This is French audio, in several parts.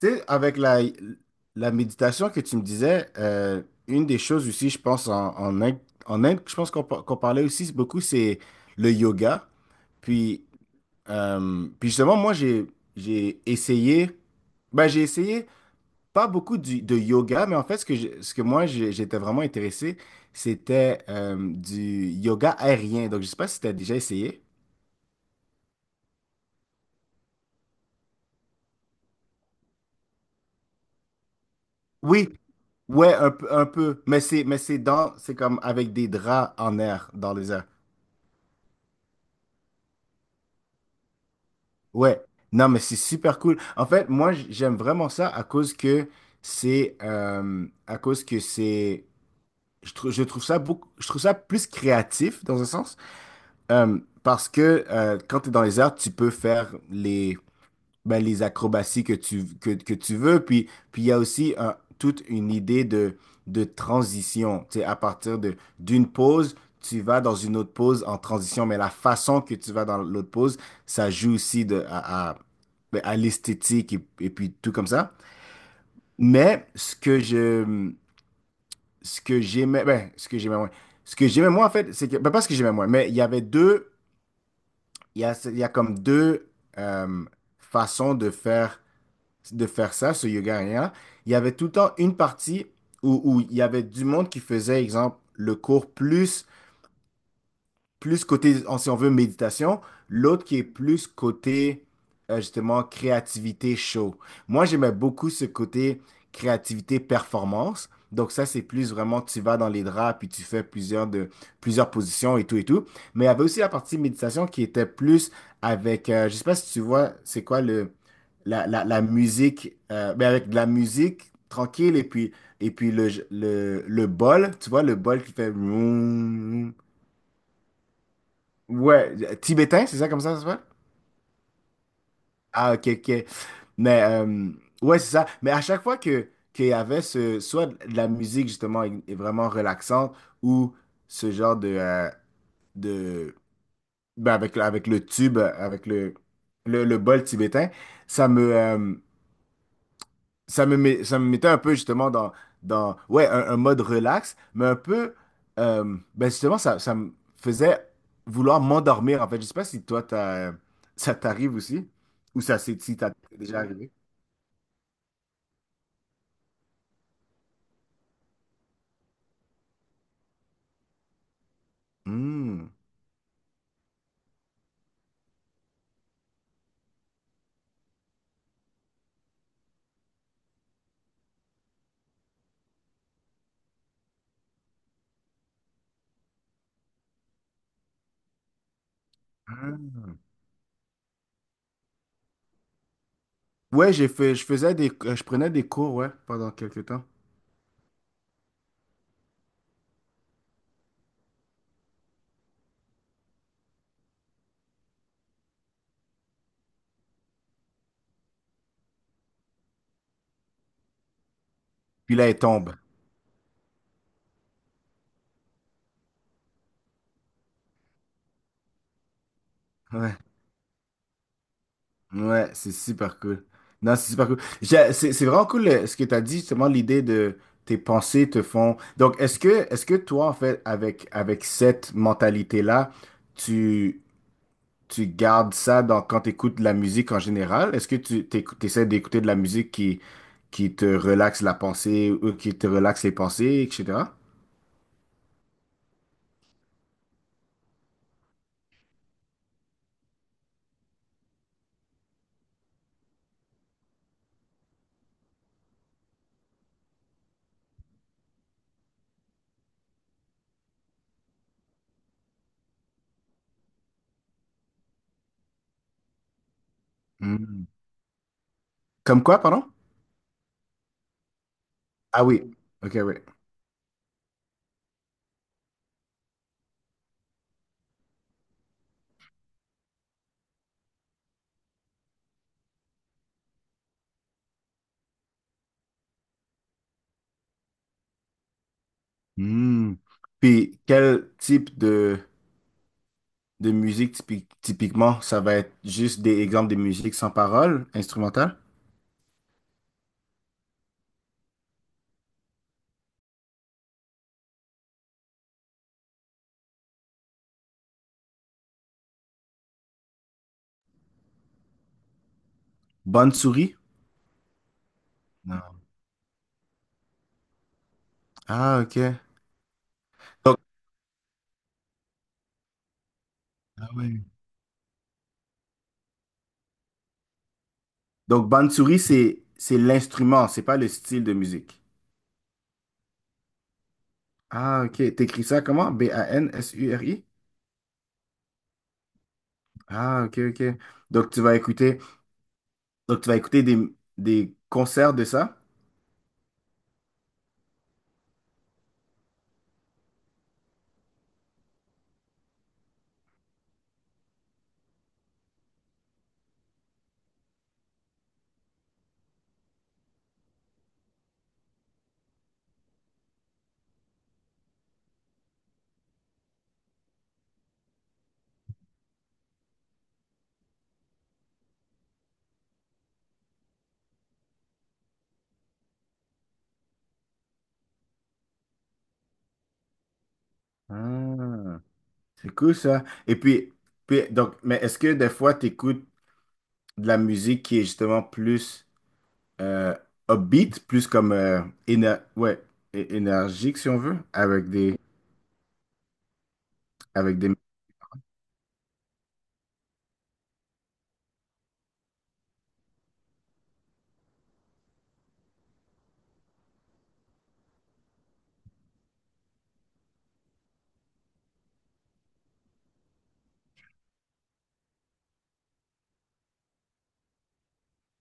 Tu sais, avec la méditation que tu me disais, une des choses aussi, je pense, en Inde, en Inde, je pense qu'on parlait aussi beaucoup, c'est le yoga. Puis, puis, justement, moi, j'ai essayé, ben, j'ai essayé pas beaucoup de yoga, mais en fait, ce que, j'ai- ce que moi, j'ai- j'étais vraiment intéressé, c'était du yoga aérien. Donc, je sais pas si tu as déjà essayé. Oui, ouais, un peu, c'est comme avec des draps en air, dans les airs. Ouais, non, mais c'est super cool. En fait, moi, j'aime vraiment ça à cause que c'est, à cause que c'est, je trouve ça beaucoup, je trouve ça plus créatif dans un sens. Parce que quand tu es dans les arts, tu peux faire les ben, les acrobaties que tu veux. Puis, il y a aussi toute une idée de transition. Tu sais, à partir d'une pause, tu vas dans une autre pause en transition, mais la façon que tu vas dans l'autre pause, ça joue aussi ben, à l'esthétique et puis tout comme ça. Mais ce que j'aimais, ben, ce que j'aimais moins en fait, c'est que, ben, pas ce que j'aimais moins, mais il y a comme deux euh, façons de faire ça ce yoga rien. Il y avait tout le temps une partie où il y avait du monde qui faisait, exemple, le cours plus côté, si on veut, méditation, l'autre qui est plus côté, justement, créativité show. Moi, j'aimais beaucoup ce côté créativité performance. Donc ça, c'est plus vraiment, tu vas dans les draps, puis tu fais plusieurs positions et tout et tout. Mais il y avait aussi la partie méditation qui était plus avec, je sais pas si tu vois, c'est quoi la musique, mais avec de la musique tranquille et puis le bol, tu vois, le bol qui fait vroom. Ouais, tibétain, c'est ça comme ça s'appelle? Ah, ok, ok. Mais, ouais, c'est ça. Mais à chaque fois qu'il y avait ce, soit de la musique, justement, est vraiment relaxante, ou ce genre de, ben, avec le tube, avec le bol tibétain, ça me, euh, ça me mettait un peu justement dans ouais, un mode relax, mais un peu, ben justement, ça me faisait vouloir m'endormir, en fait. Je sais pas si toi, ça t'arrive aussi, ou ça, c'est, si t'as déjà arrivé. Hmm. Ah. Ouais, je faisais des, je prenais des cours, ouais, pendant quelques temps. Puis là, elle tombe. Ouais. Ouais, c'est super cool. Non, c'est super cool. C'est vraiment cool, ce que tu as dit, justement, l'idée de tes pensées te font. Donc, est-ce que toi, en fait, avec cette mentalité-là, tu, tu gardes ça dans, quand tu écoutes de la musique en général? Est-ce que tu essaies d'écouter de la musique qui te relaxe la pensée ou qui te relaxe les pensées, etc.? Hmm. Comme quoi, pardon? Ah oui, ok, oui. Hmm. Puis, quel type de musique, typiquement, ça va être juste des exemples de musique sans parole, instrumentale. Bansuri? Non. Ah, ok. Donc, ah ouais. Donc Bansuri, c'est l'instrument, c'est pas le style de musique. Ah, ok. T'écris ça comment? Bansuri? Ah, ok, ok. Donc, donc tu vas écouter des concerts de ça? Ah, c'est cool ça. Et puis, donc, mais est-ce que des fois, tu écoutes de la musique qui est justement plus. euh, Upbeat, plus comme ouais, énergique si on veut, avec des avec des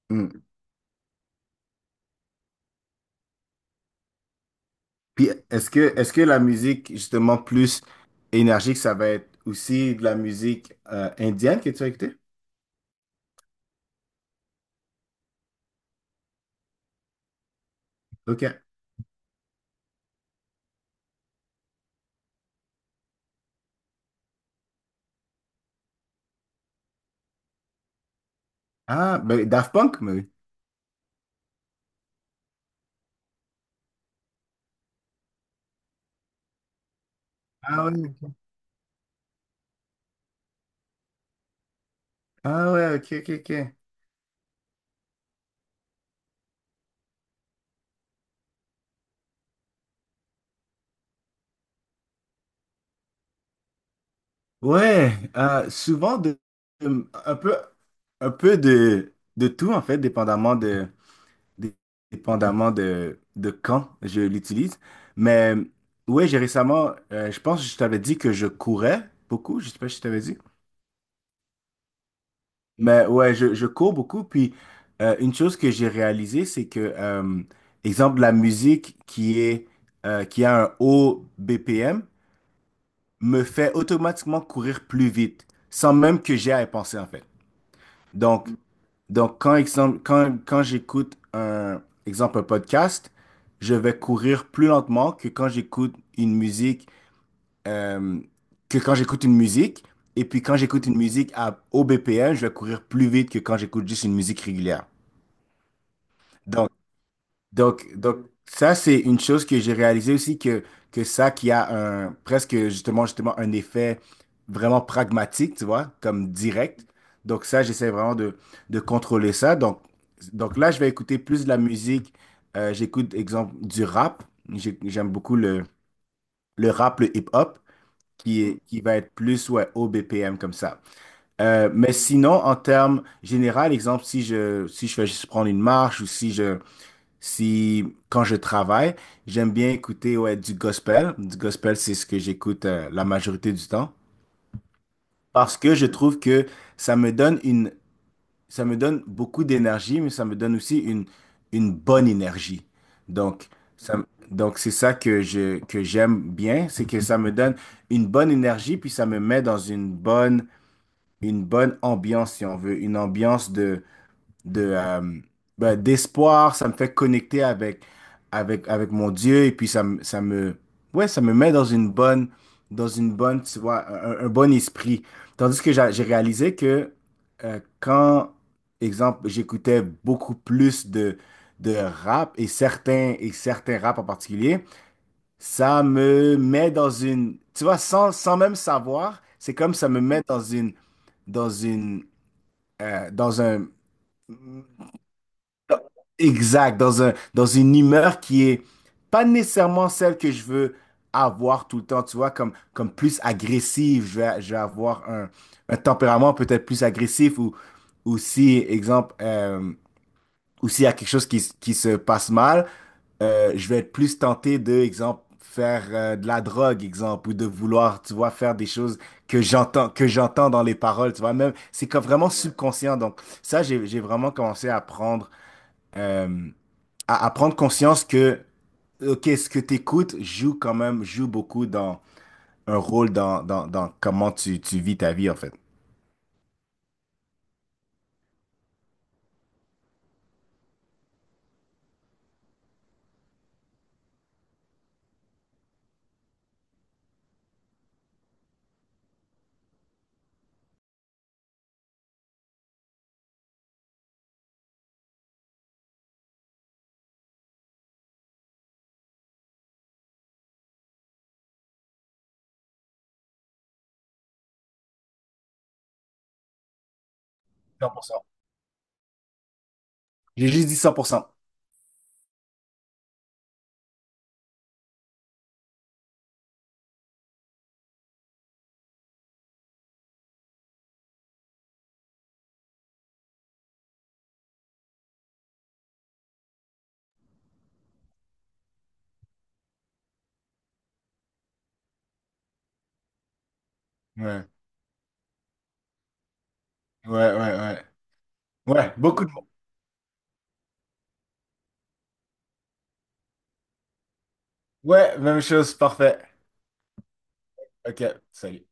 Hmm. Puis est-ce que la musique justement plus énergique, ça va être aussi de la musique indienne que tu as écoutée? OK. Ah, ben Daft Punk, mais oui. Ah ouais, ok. Ah ouais, OK, OK, OK. Ouais, souvent un peu de tout en fait, dé- dépendamment de quand je l'utilise. Mais ouais, j'ai récemment, je pense que je t'avais dit que je courais beaucoup, je sais pas si je t'avais dit. Mais ouais, je cours beaucoup. Puis une chose que j'ai réalisée, c'est que, exemple, la musique qui a un haut BPM me fait automatiquement courir plus vite, sans même que j'aie à y penser en fait. Donc, donc, quand j'écoute un podcast, je vais courir plus lentement que quand j'écoute une musique, euh, que quand j'écoute une musique. Et puis quand j'écoute une musique au BPM, je vais courir plus vite que quand j'écoute juste une musique régulière. Donc, ça, c'est une chose que j'ai réalisé aussi que ça qui a un, presque justement un effet vraiment pragmatique, tu vois, comme direct. Donc ça, j'essaie vraiment de contrôler ça. Donc, là, je vais écouter plus de la musique. J'écoute, exemple, du rap. J'aime beaucoup le rap, le hip-hop, qui va être plus, ouais, au BPM comme ça. Mais sinon, en termes général, exemple, si je vais juste prendre une marche ou si je, si, quand je travaille, j'aime bien écouter ouais, du gospel. Du gospel, c'est ce que j'écoute la majorité du temps. Parce que je trouve que ça me donne une, ça me donne beaucoup d'énergie, mais ça me donne aussi une bonne énergie. Donc, ça, donc c'est ça que j'aime bien, c'est que ça me donne une bonne énergie, puis ça me met dans une bonne ambiance, si on veut, une ambiance de de, euh, ben, d'espoir, ça me fait connecter avec mon Dieu et puis ouais, ça me met dans dans une bonne, tu vois, un bon esprit. Tandis que j'ai réalisé que quand, exemple, j'écoutais beaucoup plus de rap et et certains rap en particulier, ça me met dans une, tu vois, sans même savoir, c'est comme ça me met dans une, dans une, dans un, exact, dans une humeur qui est pas nécessairement celle que je veux avoir tout le temps, tu vois, comme plus agressive, je vais avoir un tempérament peut-être plus agressif ou si, exemple, ou s'il y a quelque chose qui se passe mal, je vais être plus tenté de, exemple, faire de la drogue, exemple, ou de vouloir, tu vois, faire des choses que j'entends dans les paroles, tu vois, même, c'est comme vraiment, ouais, subconscient, donc ça, j'ai vraiment commencé à apprendre, euh, à prendre conscience que, OK, ce que tu écoutes joue quand même, joue beaucoup dans un rôle dans comment tu vis ta vie, en fait. 100%. J'ai juste dit 100%. Ouais, ouais, ouais, ouais. Ouais, beaucoup de mots. Ouais, même chose, parfait. OK, salut.